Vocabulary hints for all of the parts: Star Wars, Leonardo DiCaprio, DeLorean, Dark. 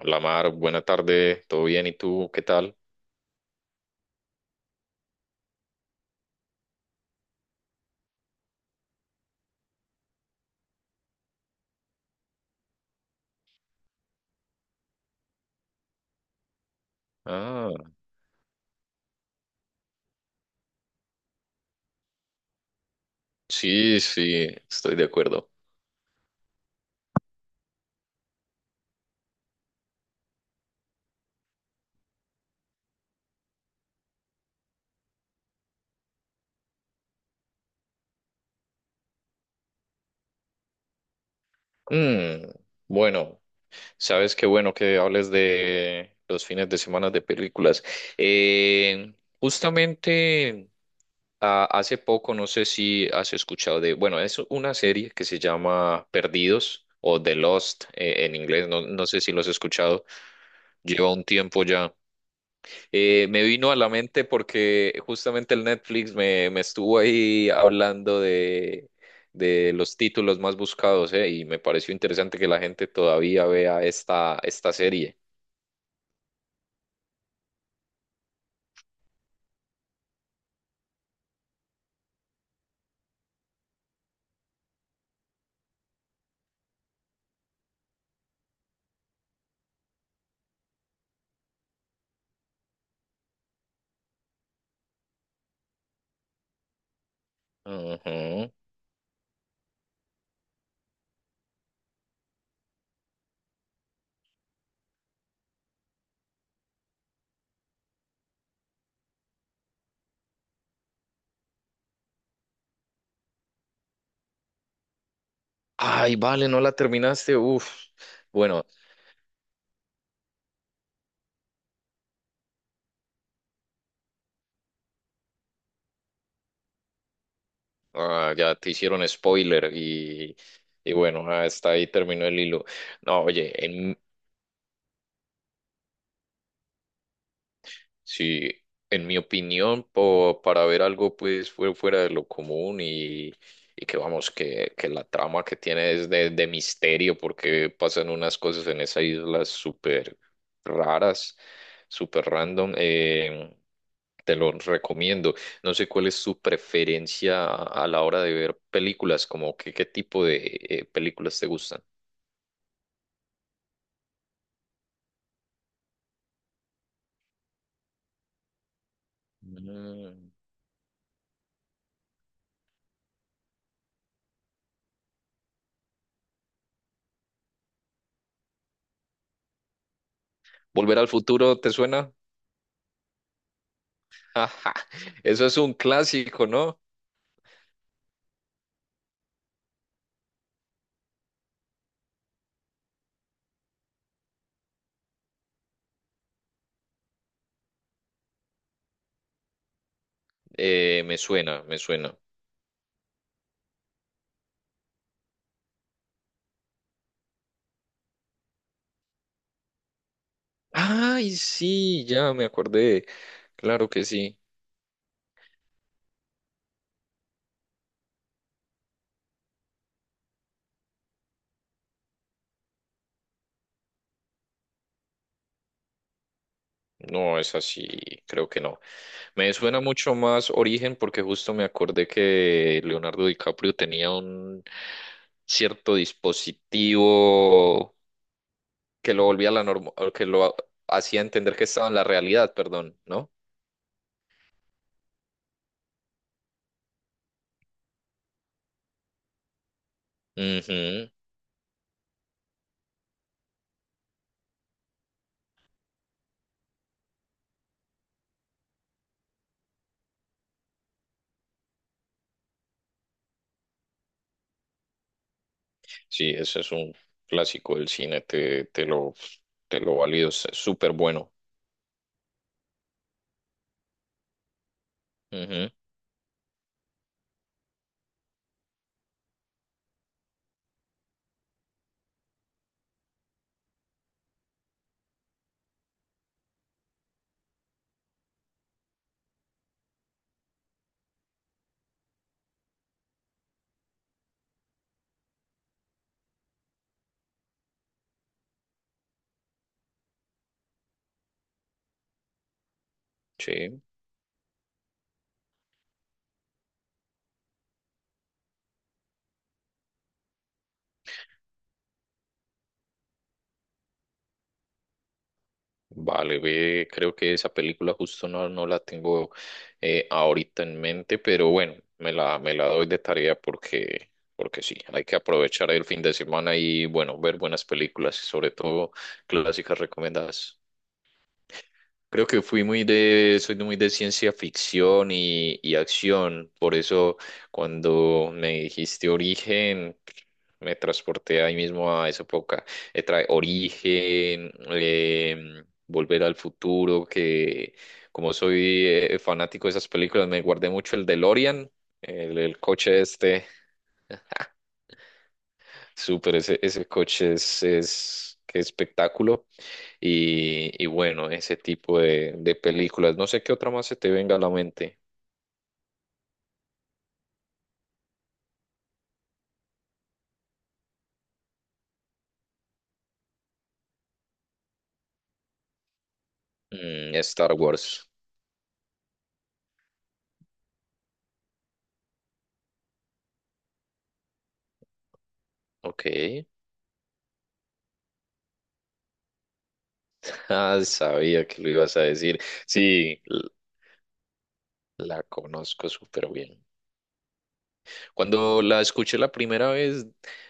Hola Mar, buena tarde, ¿todo bien? ¿Y tú qué tal? Ah, sí, sí, estoy de acuerdo. Mm, bueno, sabes qué bueno que hables de los fines de semana de películas. Eh, Justamente hace poco, no sé si has escuchado de, bueno, es una serie que se llama Perdidos o The Lost en inglés, no, no sé si lo has escuchado, lleva un tiempo ya. Me vino a la mente porque justamente el Netflix me estuvo ahí hablando de los títulos más buscados, y me pareció interesante que la gente todavía vea esta serie. Ujú. Ay, vale, no la terminaste. Uf. Bueno, ya te hicieron spoiler y bueno, está ahí terminó el hilo. No, oye, sí, en mi opinión, para ver algo pues fue fuera de lo común y que vamos, que la trama que tiene es de misterio porque pasan unas cosas en esa isla súper raras, súper random. Te lo recomiendo. No sé cuál es tu preferencia a la hora de ver películas, como que, qué tipo de películas te gustan. Mm. ¿Volver al futuro te suena? Ajá. Eso es un clásico, ¿no? Me suena, me suena. Ay, sí, ya me acordé. Claro que sí. No, es así, creo que no. Me suena mucho más Origen porque justo me acordé que Leonardo DiCaprio tenía un cierto dispositivo que lo volvía a la norma, que lo hacía entender que estaba en la realidad, perdón, ¿no? Ujú. Sí, ese es un clásico del cine, te lo valido, es súper bueno. Ujú. Sí. Vale, ve, creo que esa película justo no, no la tengo ahorita en mente, pero bueno, me la doy de tarea porque sí, hay que aprovechar el fin de semana y bueno, ver buenas películas, sobre todo clásicas recomendadas. Creo que fui muy de, soy de- muy de ciencia ficción y acción, por eso cuando me dijiste origen, me transporté ahí mismo a esa época. Trae origen, Volver al futuro, que como soy fanático de esas películas, me guardé mucho el DeLorean, el coche este. Súper, ese coche es qué espectáculo. Y bueno, ese tipo de películas. No sé qué otra más se te venga a la mente. Star Wars. Ok. Ah, sabía que lo ibas a decir. Sí, la conozco súper bien. Cuando la escuché la primera vez,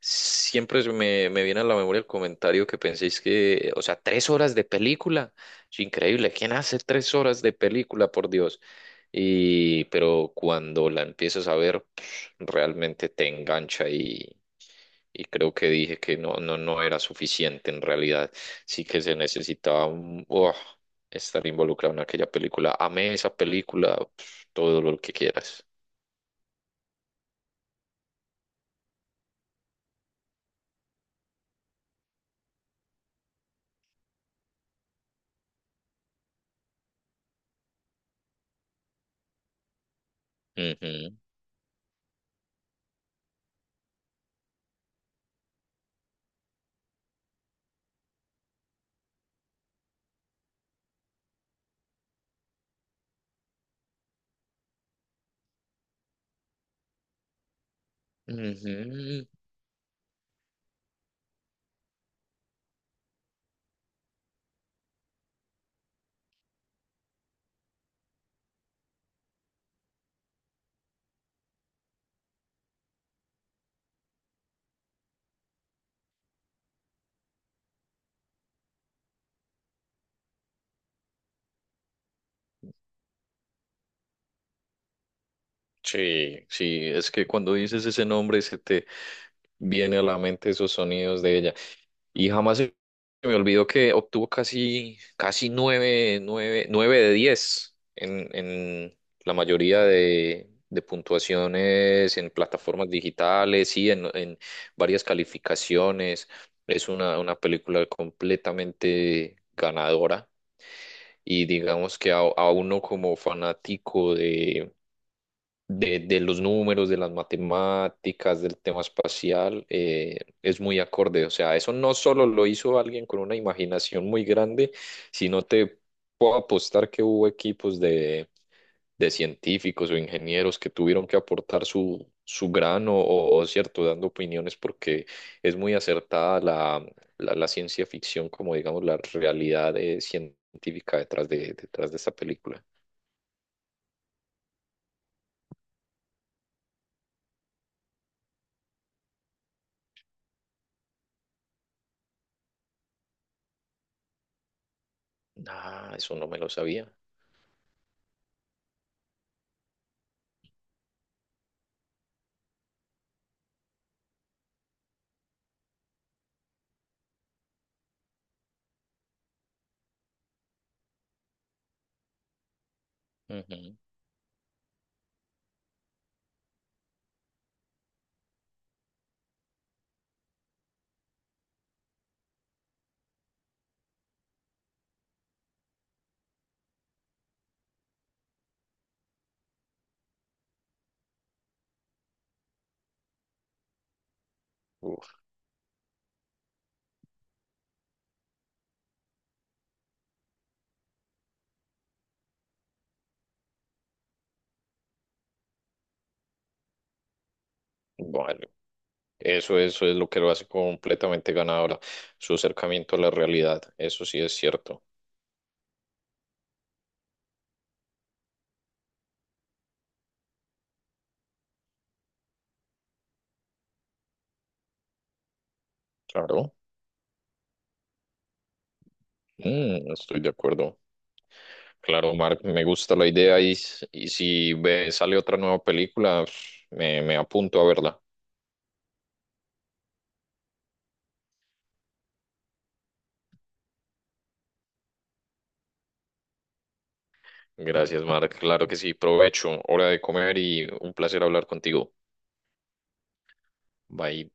siempre se me viene a la memoria el comentario que penséis que, o sea, 3 horas de película. Es increíble, ¿quién hace 3 horas de película, por Dios? Pero cuando la empiezas a ver, realmente te engancha y creo que dije que no, no, no era suficiente en realidad. Sí que se necesitaba oh, estar involucrado en aquella película. Amé esa película, todo lo que quieras. Ujú. Ujú. Sí, sí, es que cuando dices ese nombre se te viene a la mente esos sonidos de ella. Y jamás se me olvidó que obtuvo casi, casi nueve de diez en la mayoría de puntuaciones en plataformas digitales y en varias calificaciones. Es una película completamente ganadora. Y digamos que a uno como fanático de los números, de las matemáticas, del tema espacial, es muy acorde. O sea, eso no solo lo hizo alguien con una imaginación muy grande, sino te puedo apostar que hubo equipos de científicos o ingenieros que tuvieron que aportar su grano o cierto, dando opiniones porque es muy acertada la ciencia ficción como, digamos, la realidad científica detrás de esta película. Ah, eso no me lo sabía. Ujú. Uf. Bueno, eso es lo que lo hace completamente ganadora, su acercamiento a la realidad, eso sí es cierto, claro. Estoy de acuerdo. Claro, Mark, me gusta la idea y si sale otra nueva película, me apunto a verla. Gracias, Mark, claro que sí, provecho, hora de comer y un placer hablar contigo. Bye.